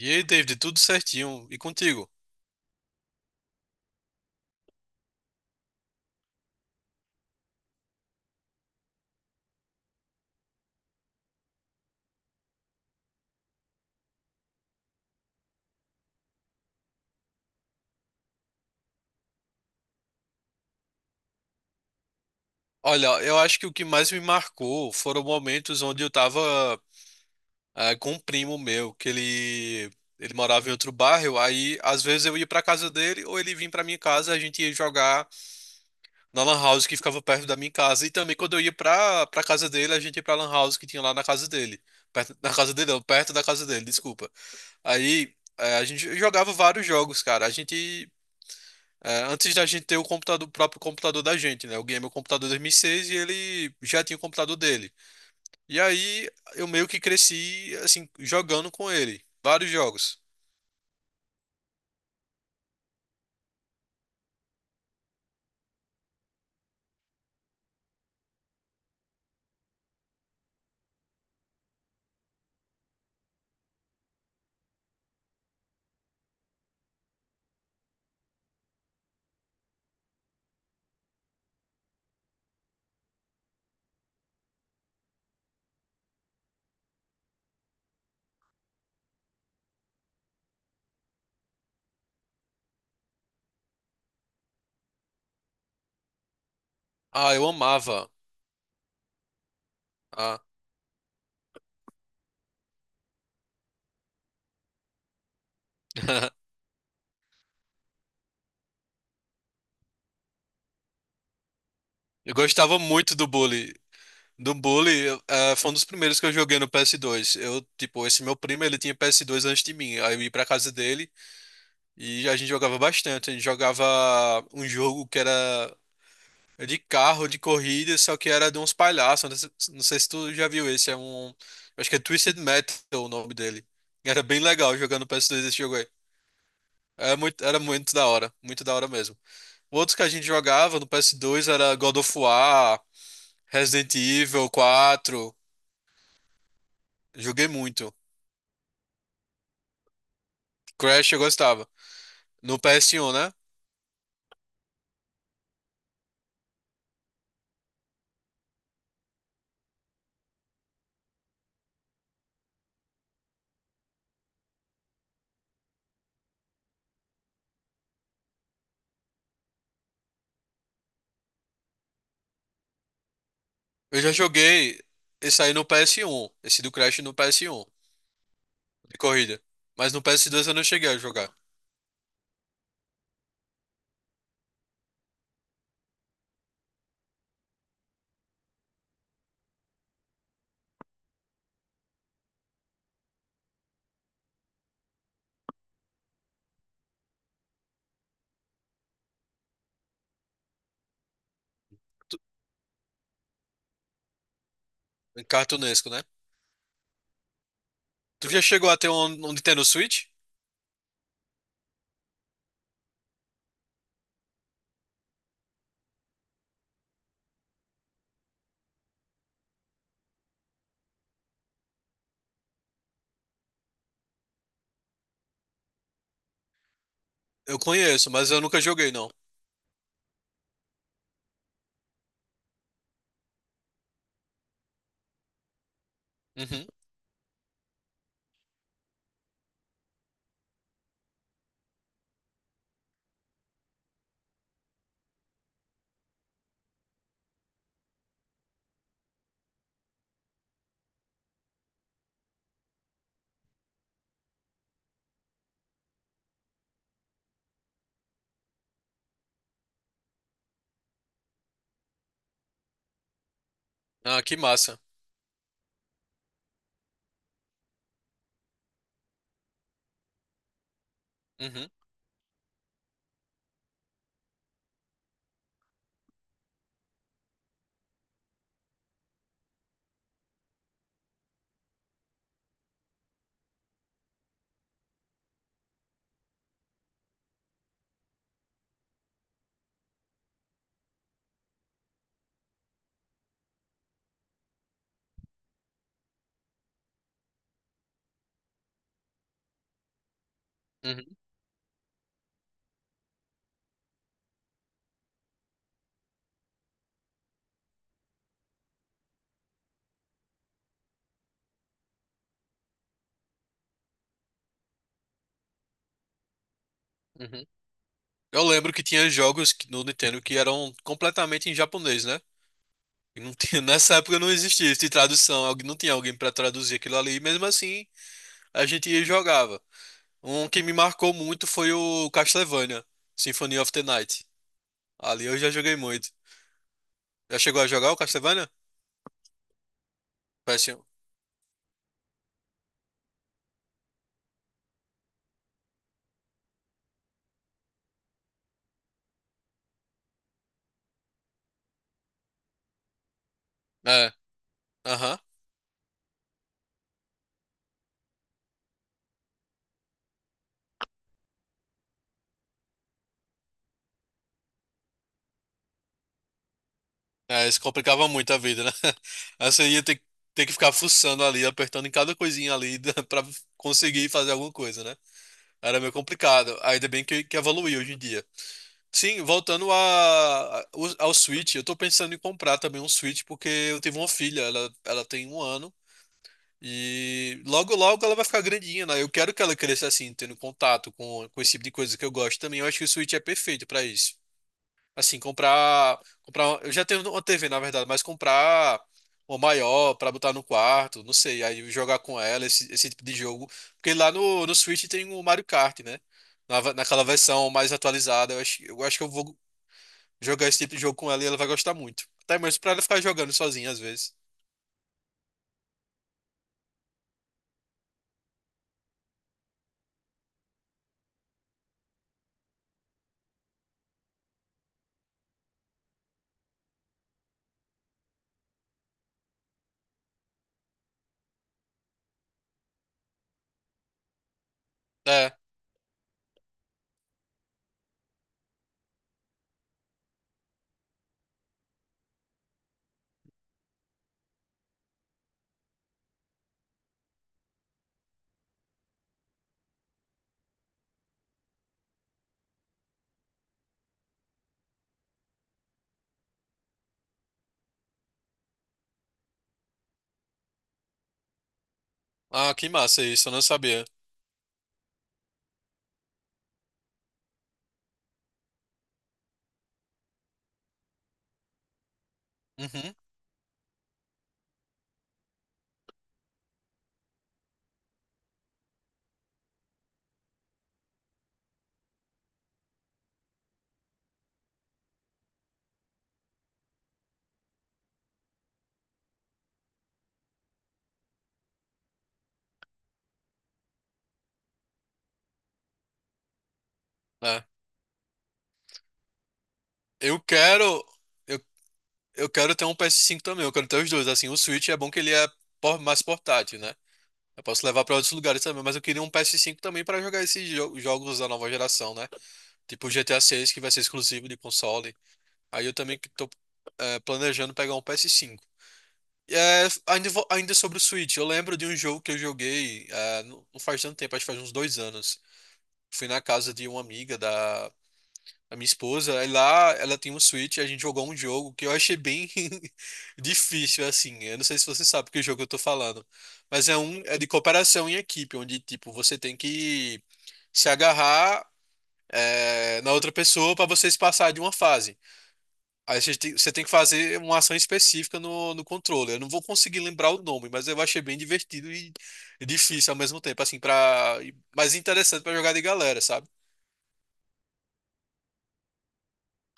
E aí, David, tudo certinho? E contigo? Olha, eu acho que o que mais me marcou foram momentos onde eu tava com um primo meu, que ele morava em outro bairro, aí às vezes eu ia pra casa dele ou ele vinha pra minha casa, a gente ia jogar na lan house que ficava perto da minha casa. E também quando eu ia pra casa dele, a gente ia pra lan house que tinha lá na casa dele. Perto, na casa dele, não, perto da casa dele, desculpa. Aí, a gente jogava vários jogos, cara. Antes da gente ter o computador, o próprio computador da gente, né? Eu ganhei meu computador em 2006 e seis e ele já tinha o computador dele. E aí eu meio que cresci, assim, jogando com ele. Vários jogos. Ah, eu amava. Ah. Eu gostava muito do Bully. Do Bully, foi um dos primeiros que eu joguei no PS2. Eu, tipo, esse meu primo, ele tinha PS2 antes de mim. Aí eu ia pra casa dele e a gente jogava bastante. A gente jogava um jogo que era de carro, de corrida, só que era de uns palhaços. Não sei se tu já viu esse, é um. Acho que é Twisted Metal o nome dele. Era bem legal jogando no PS2 esse jogo aí. Era muito da hora, muito da hora mesmo. Outros que a gente jogava no PS2 era God of War, Resident Evil 4. Joguei muito. Crash eu gostava. No PS1, né? Eu já joguei esse aí no PS1. Esse do Crash no PS1, de corrida. Mas no PS2 eu não cheguei a jogar. Tu- Cartunesco, né? Tu já chegou a ter um Nintendo Switch? Eu conheço, mas eu nunca joguei, não. Uhum. Ah, que massa. Uhum, uhum, uhum. Eu lembro que tinha no Nintendo que eram completamente em japonês, né? E não tinha- nessa época não existia isso de tradução, não tinha alguém pra traduzir aquilo ali, e mesmo assim a gente ia e jogava. Um que me marcou muito foi o Castlevania, Symphony of the Night. Ali eu já joguei muito. Já chegou a jogar o Castlevania? Péssimo. É, aham. É, isso complicava muito a vida, né? Aí você ia ter que ficar fuçando ali, apertando em cada coisinha ali pra conseguir fazer alguma coisa, né? Era meio complicado. Ainda bem que evoluiu hoje em dia. Sim, voltando ao Switch, eu tô pensando em comprar também um Switch, porque eu tive uma filha, ela tem 1 ano, e logo logo ela vai ficar grandinha, né? Eu quero que ela cresça assim, tendo contato com esse tipo de coisa que eu gosto também. Eu acho que o Switch é perfeito pra isso. Assim, comprar, eu já tenho uma TV, na verdade, mas comprar uma maior pra botar no quarto, não sei, aí jogar com ela esse tipo de jogo, porque lá no Switch tem o Mario Kart, né? Naquela versão mais atualizada, eu acho que eu vou jogar esse tipo de jogo com ela e ela vai gostar muito. Até mesmo pra ela ficar jogando sozinha às vezes. É. Ah, que massa isso, eu não sabia. Uhum, é. Eu quero eu, eu quero ter um PS5 também, eu quero ter os dois, assim, o Switch é bom que ele é mais portátil, né? Eu posso levar pra outros lugares também, mas eu queria um PS5 também pra jogar esses jogos da nova geração, né? Tipo o GTA 6, que vai ser exclusivo de console. Aí eu também que tô planejando pegar um PS5. Ainda sobre o Switch, eu lembro de um jogo que eu joguei não faz tanto tempo, acho que faz uns 2 anos. Fui na casa de uma amiga da a minha esposa, aí lá, ela tem um Switch, a gente jogou um jogo que eu achei bem difícil, assim. Eu não sei se você sabe que jogo eu tô falando. Mas é de cooperação em equipe, onde, tipo, você tem que se agarrar na outra pessoa para vocês passar de uma fase. Aí você tem que fazer uma ação específica no controle. Eu não vou conseguir lembrar o nome, mas eu achei bem divertido e difícil ao mesmo tempo, assim, mas interessante para jogar de galera, sabe?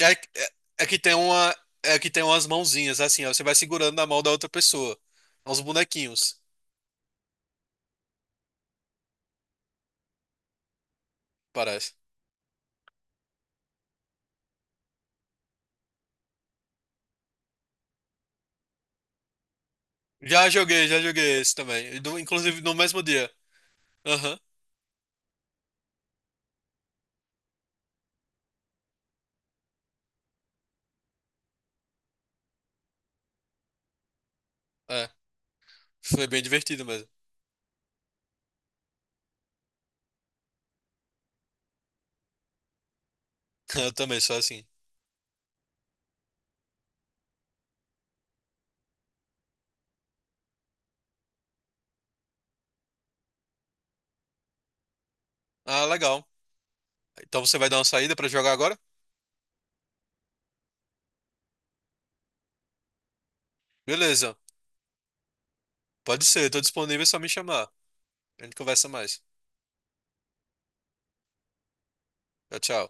É, é, é que tem uma, é que tem umas mãozinhas assim, ó, você vai segurando na mão da outra pessoa. É. Uns bonequinhos, parece. Já joguei esse também. Inclusive no mesmo dia. Aham. É, foi bem divertido mesmo. Eu também sou assim. Ah, legal. Então você vai dar uma saída pra jogar agora? Beleza. Pode ser, tô disponível, é só me chamar. A gente conversa mais. Tchau, tchau.